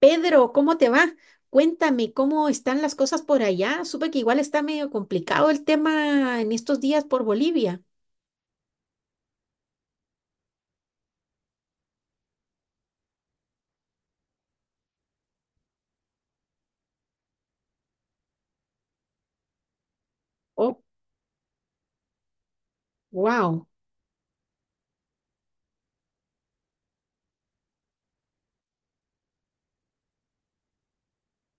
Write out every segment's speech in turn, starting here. Pedro, ¿cómo te va? Cuéntame, ¿cómo están las cosas por allá? Supe que igual está medio complicado el tema en estos días por Bolivia. Oh, wow.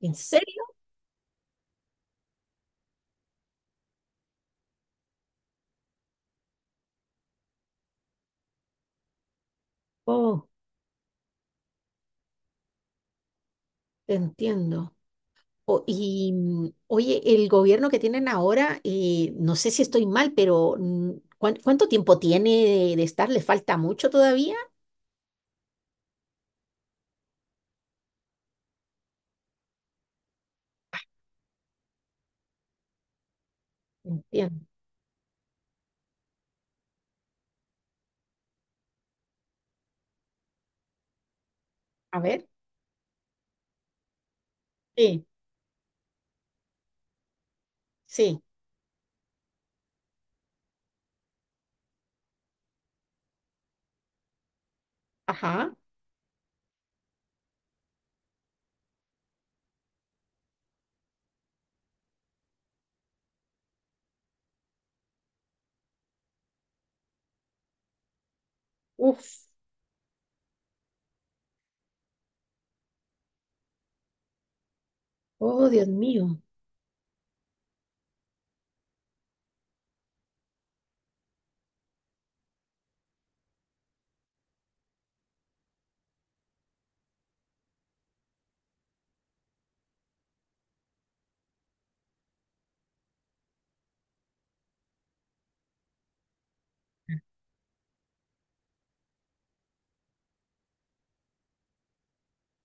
¿En serio? Oh, te entiendo. Y oye, el gobierno que tienen ahora, no sé si estoy mal, pero ¿cuánto tiempo tiene de estar? ¿Le falta mucho todavía? Entiendo. A ver. Sí, sí. Ajá. Uf. Oh, Dios mío.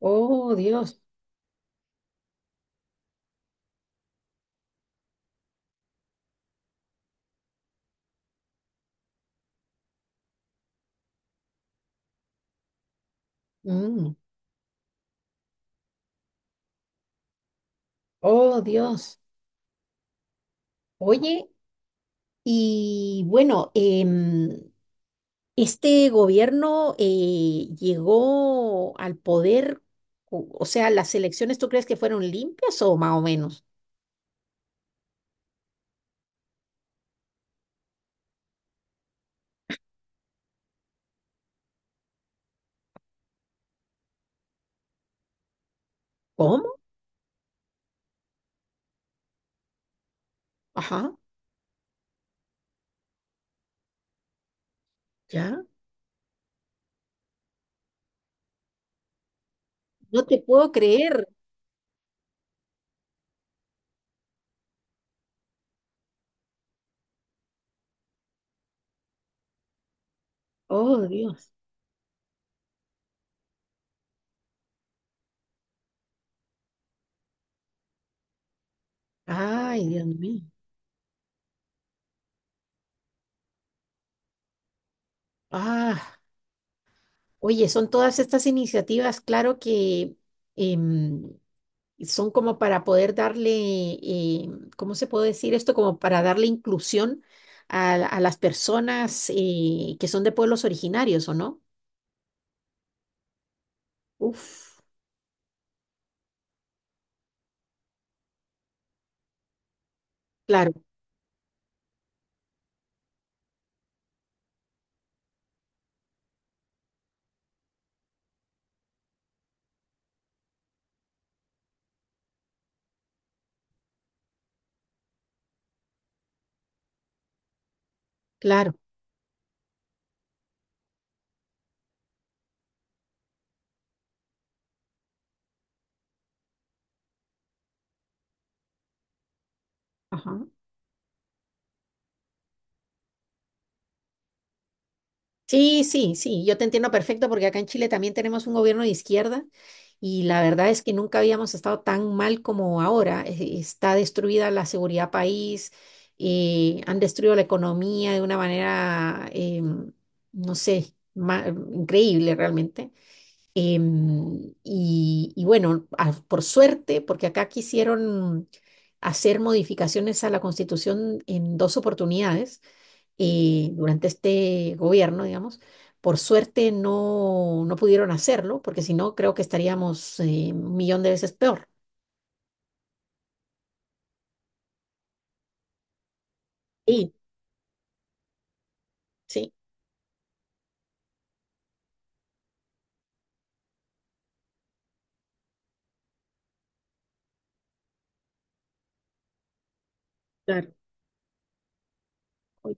Oh, Dios. Mm. Oh, Dios. Oye, y bueno, este gobierno llegó al poder, o sea, las elecciones, ¿tú crees que fueron limpias o más o menos? ¿Cómo? Ajá, ya. No te puedo creer. Oh, Dios. Ay, Dios mío. Ah, oye, son todas estas iniciativas, claro que, em, son como para poder darle, eh, ¿cómo se puede decir esto? Como para darle inclusión a, a las personas que son de pueblos originarios, ¿o no? Uf, claro, claro. Ajá. Sí, sí, sí, yo te entiendo perfecto porque acá en Chile también tenemos un gobierno de izquierda y la verdad es que nunca habíamos estado tan mal como ahora. Está destruida la seguridad país, han destruido la economía de una manera, no sé, increíble realmente. Y bueno, por suerte, porque acá quisieron hacer modificaciones a la Constitución en dos oportunidades y durante este gobierno, digamos, por suerte no pudieron hacerlo, porque si no, creo que estaríamos un millón de veces peor. Sí, sí, claro. Oy-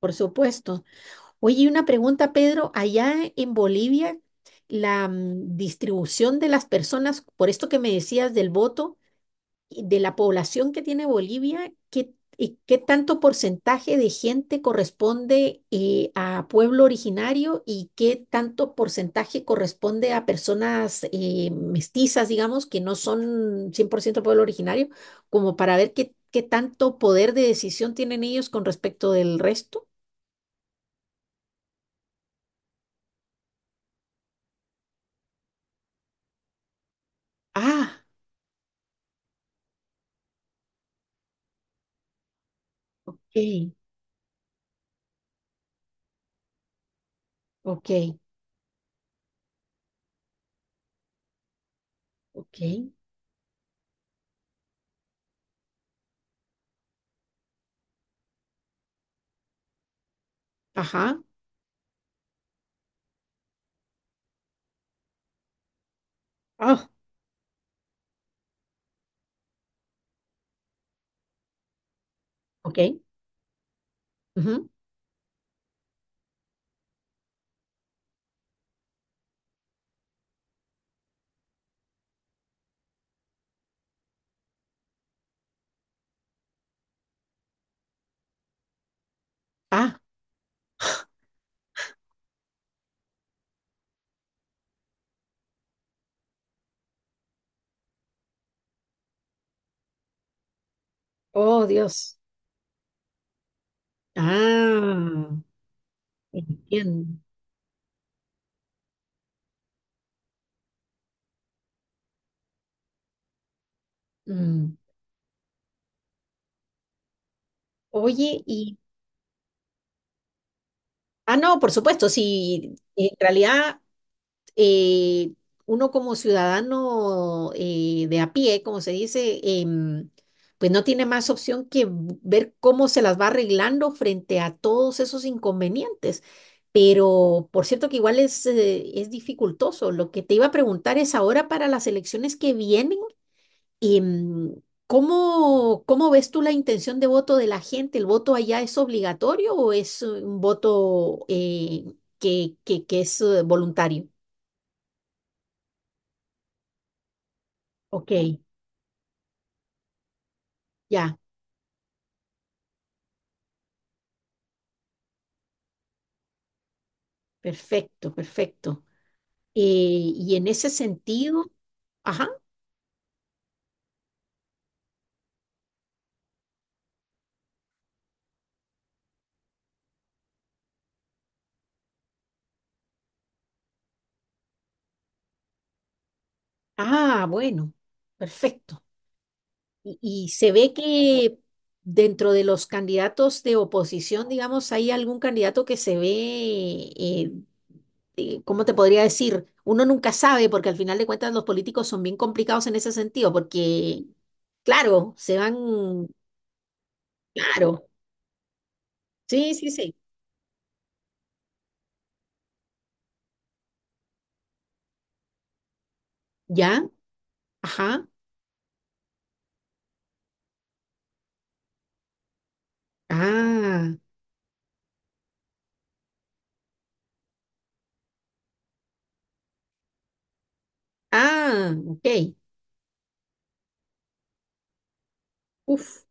por supuesto. Oye, y una pregunta, Pedro, allá en Bolivia, la distribución de las personas, por esto que me decías del voto, de la población que tiene Bolivia, ¿Y qué tanto porcentaje de gente corresponde a pueblo originario y qué tanto porcentaje corresponde a personas mestizas, digamos, que no son 100% pueblo originario, como para ver qué tanto poder de decisión tienen ellos con respecto del resto? Ah, ok, ok, ok, ajá, ah, ok, ujú, ah, oh Dios, ah. Entiendo. Mm. Oye, y. Ah, no, por supuesto, sí, en realidad eh, uno como ciudadano de a pie, como se dice, pues no tiene más opción que ver cómo se las va arreglando frente a todos esos inconvenientes. Pero por cierto que igual es dificultoso. Lo que te iba a preguntar es ahora para las elecciones que vienen. Y, ¿cómo ves tú la intención de voto de la gente? ¿El voto allá es obligatorio o es un voto que es voluntario? Ok, ya, perfecto, perfecto. Y en ese sentido, ajá, ah, bueno, perfecto. Y se ve que dentro de los candidatos de oposición, digamos, hay algún candidato que se ve, eh, ¿cómo te podría decir? Uno nunca sabe, porque al final de cuentas los políticos son bien complicados en ese sentido, porque, claro, se van, claro, sí, sí, sí, ya, ajá, ah, ah, ok, uf,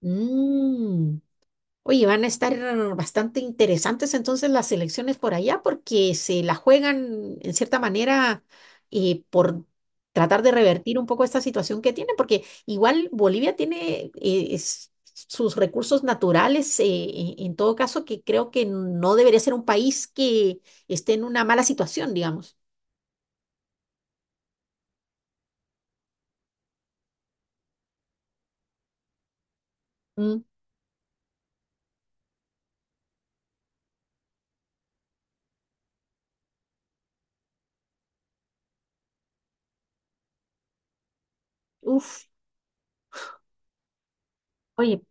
mm. Oye, van a estar bastante interesantes entonces las elecciones por allá porque se la juegan en cierta manera por tratar de revertir un poco esta situación que tiene, porque igual Bolivia tiene sus recursos naturales, en todo caso, que creo que no debería ser un país que esté en una mala situación, digamos. Mm, uf, oye,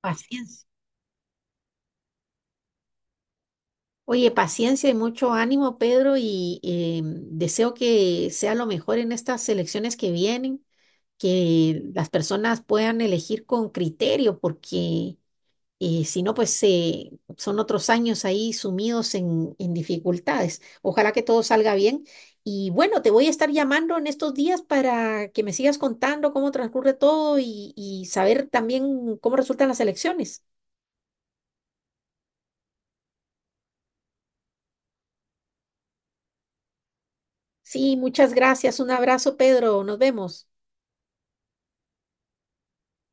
paciencia. Oye, paciencia y mucho ánimo, Pedro, y deseo que sea lo mejor en estas elecciones que vienen, que las personas puedan elegir con criterio, porque si no, pues son otros años ahí sumidos en dificultades. Ojalá que todo salga bien. Y bueno, te voy a estar llamando en estos días para que me sigas contando cómo transcurre todo y saber también cómo resultan las elecciones. Sí, muchas gracias. Un abrazo, Pedro. Nos vemos.